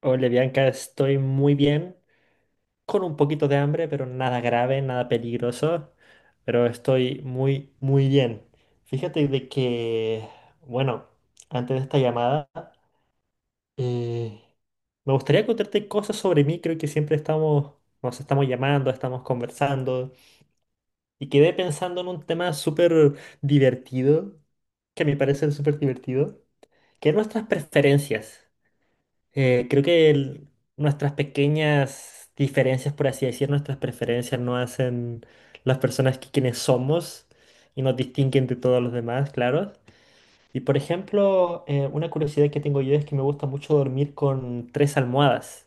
Hola Bianca, estoy muy bien, con un poquito de hambre, pero nada grave, nada peligroso, pero estoy muy, muy bien. Fíjate de que, bueno, antes de esta llamada, eh, me gustaría contarte cosas sobre mí. Creo que siempre nos estamos llamando, estamos conversando, y quedé pensando en un tema súper divertido, que a mi parecer es súper divertido, que es nuestras preferencias. Creo que nuestras pequeñas diferencias, por así decir, nuestras preferencias no hacen las personas que quienes somos y nos distinguen de todos los demás, claro. Y por ejemplo, una curiosidad que tengo yo es que me gusta mucho dormir con tres almohadas.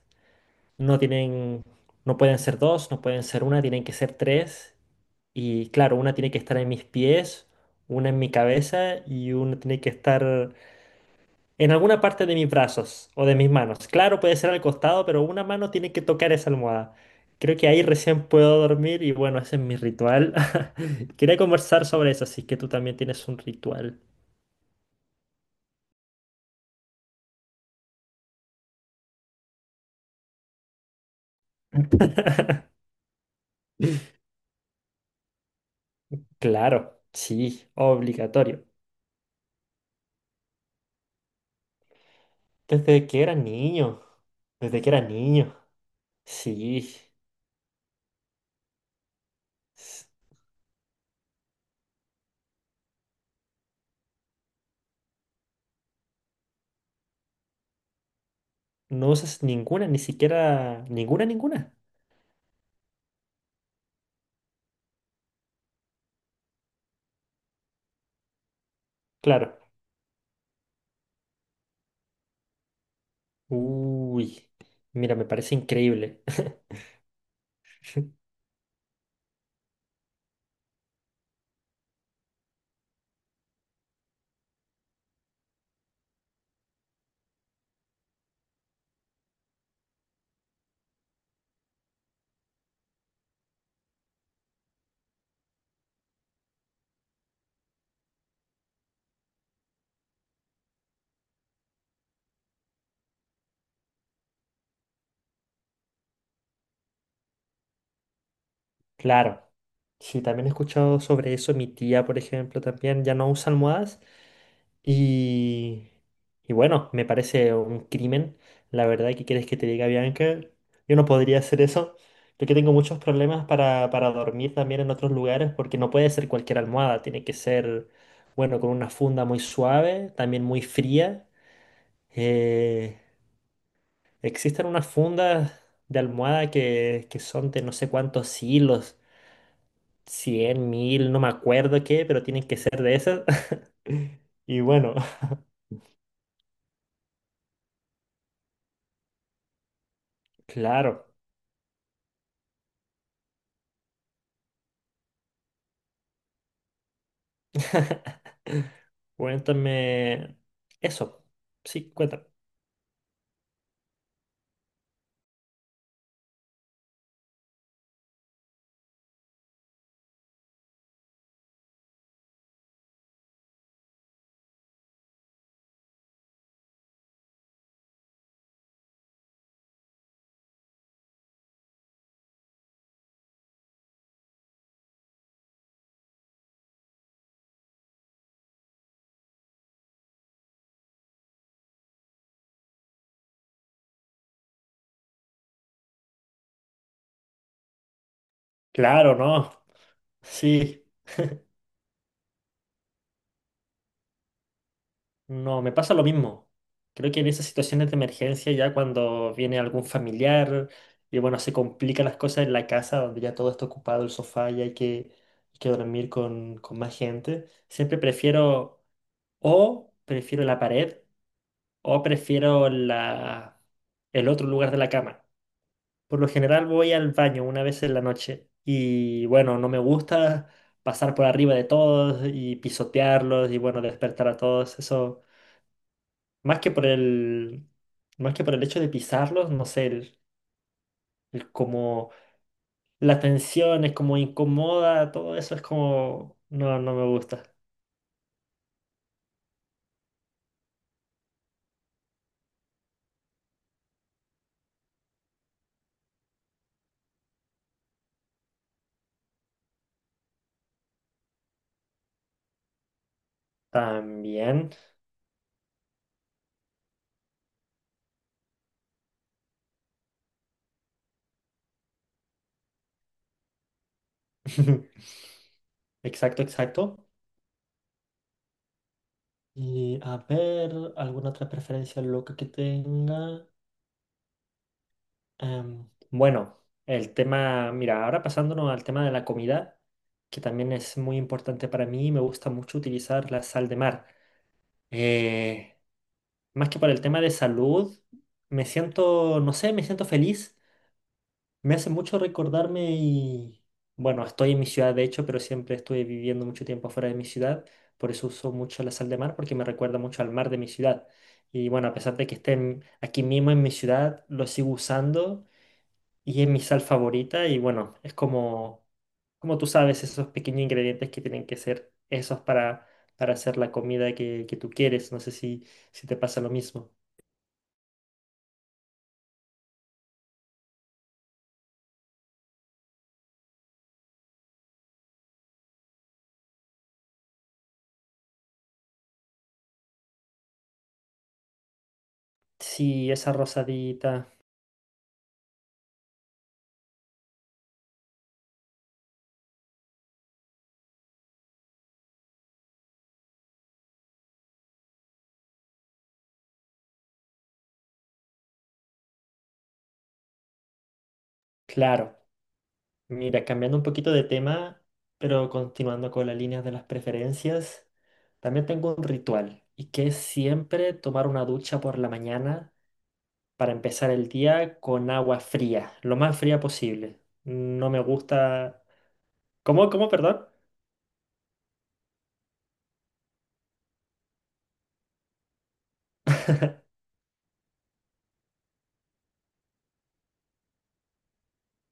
No tienen, no pueden ser dos, no pueden ser una, tienen que ser tres. Y claro, una tiene que estar en mis pies, una en mi cabeza y una tiene que estar en alguna parte de mis brazos o de mis manos. Claro, puede ser al costado, pero una mano tiene que tocar esa almohada. Creo que ahí recién puedo dormir y bueno, ese es mi ritual. Quería conversar sobre eso, así que tú también tienes un ritual. Claro, sí, obligatorio. Desde que era niño, desde que era niño, sí. S- No usas ninguna, ni siquiera ninguna, ninguna. Claro. Uy, mira, me parece increíble. Claro. Sí, también he escuchado sobre eso. Mi tía, por ejemplo, también ya no usa almohadas. Y, y bueno, me parece un crimen. La verdad, ¿qué quieres que te diga, Bianca? Yo no podría hacer eso. Yo que tengo muchos problemas para dormir también en otros lugares, porque no puede ser cualquier almohada. Tiene que ser, bueno, con una funda muy suave, también muy fría. Eh, Existen unas fundas de almohada que son de no sé cuántos hilos, 100.000 no me acuerdo qué, pero tienen que ser de esas. Y bueno, claro. Cuéntame eso. Sí, cuéntame. Claro, no. Sí, no, me pasa lo mismo. Creo que en esas situaciones de emergencia, ya cuando viene algún familiar y bueno, se complican las cosas en la casa, donde ya todo está ocupado, el sofá y hay que dormir con, más gente, siempre prefiero, o prefiero la pared o prefiero el otro lugar de la cama. Por lo general voy al baño una vez en la noche y bueno, no me gusta pasar por arriba de todos y pisotearlos y bueno, despertar a todos. Eso, más que por el, más que por el hecho de pisarlos, no sé, el como la tensión es como incomoda, todo eso es como, no, no me gusta. También. Exacto, exacto. Y a ver, ¿alguna otra preferencia loca que tenga? Bueno, mira, ahora pasándonos al tema de la comida, que también es muy importante para mí, me gusta mucho utilizar la sal de mar. Eh, Más que por el tema de salud, me siento, no sé, me siento feliz, me hace mucho recordarme y, bueno, estoy en mi ciudad de hecho, pero siempre estuve viviendo mucho tiempo fuera de mi ciudad, por eso uso mucho la sal de mar porque me recuerda mucho al mar de mi ciudad. Y bueno, a pesar de que esté aquí mismo en mi ciudad, lo sigo usando y es mi sal favorita y bueno, es como, como tú sabes, esos pequeños ingredientes que tienen que ser esos para hacer la comida que tú quieres. No sé si te pasa lo mismo. Sí, esa rosadita. Claro, mira, cambiando un poquito de tema, pero continuando con las líneas de las preferencias, también tengo un ritual y que es siempre tomar una ducha por la mañana para empezar el día con agua fría, lo más fría posible. No me gusta. ¿Cómo? ¿Cómo? Perdón.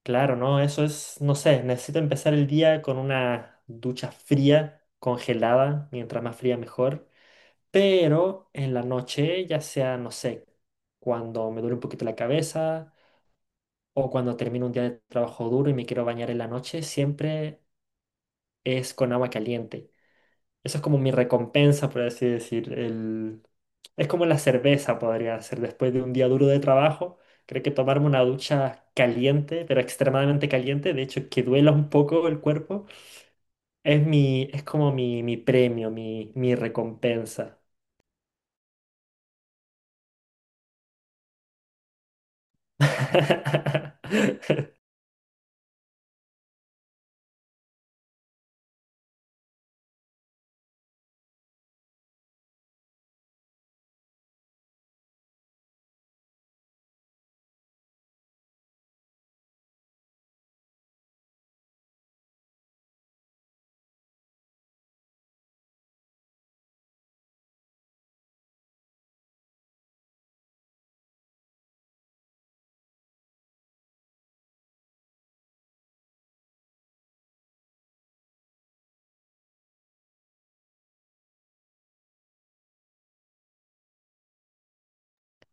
Claro, no, eso es, no sé, necesito empezar el día con una ducha fría, congelada, mientras más fría mejor. Pero en la noche, ya sea, no sé, cuando me duele un poquito la cabeza o cuando termino un día de trabajo duro y me quiero bañar en la noche, siempre es con agua caliente. Eso es como mi recompensa, por así decir. Es como la cerveza podría ser después de un día duro de trabajo. Creo que tomarme una ducha caliente, pero extremadamente caliente, de hecho que duela un poco el cuerpo, es como mi premio, mi recompensa.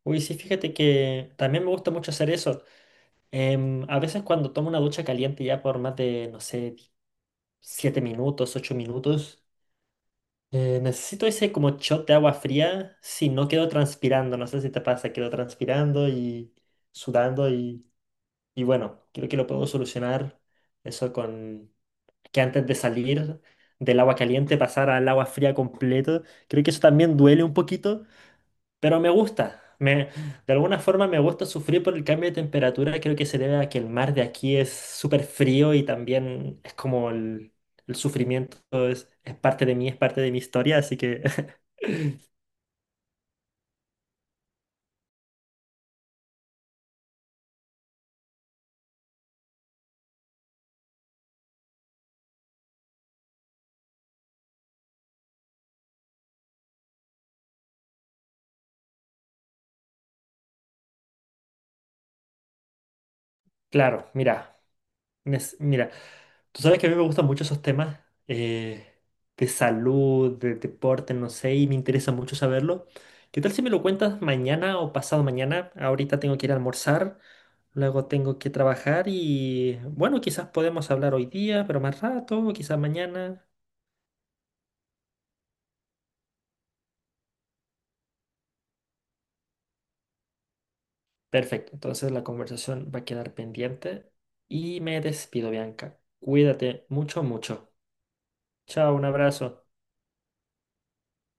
Uy, sí, fíjate que también me gusta mucho hacer eso. A veces cuando tomo una ducha caliente ya por más de, no sé, 7 minutos, 8 minutos. Necesito ese como shot de agua fría, si no quedo transpirando, no sé si te pasa, quedo transpirando y sudando y bueno, creo que lo puedo solucionar eso con que antes de salir del agua caliente pasar al agua fría completo, creo que eso también duele un poquito, pero me gusta. De alguna forma me gusta sufrir por el cambio de temperatura. Creo que se debe a que el mar de aquí es súper frío y también es como el sufrimiento es parte de mí, es parte de mi historia. Así que, claro, mira. Mira, tú sabes que a mí me gustan mucho esos temas, eh, de salud, de deporte, no sé, y me interesa mucho saberlo. ¿Qué tal si me lo cuentas mañana o pasado mañana? Ahorita tengo que ir a almorzar, luego tengo que trabajar y bueno, quizás podemos hablar hoy día, pero más rato, quizás mañana. Perfecto, entonces la conversación va a quedar pendiente y me despido, Bianca. Cuídate mucho, mucho. Chao, un abrazo.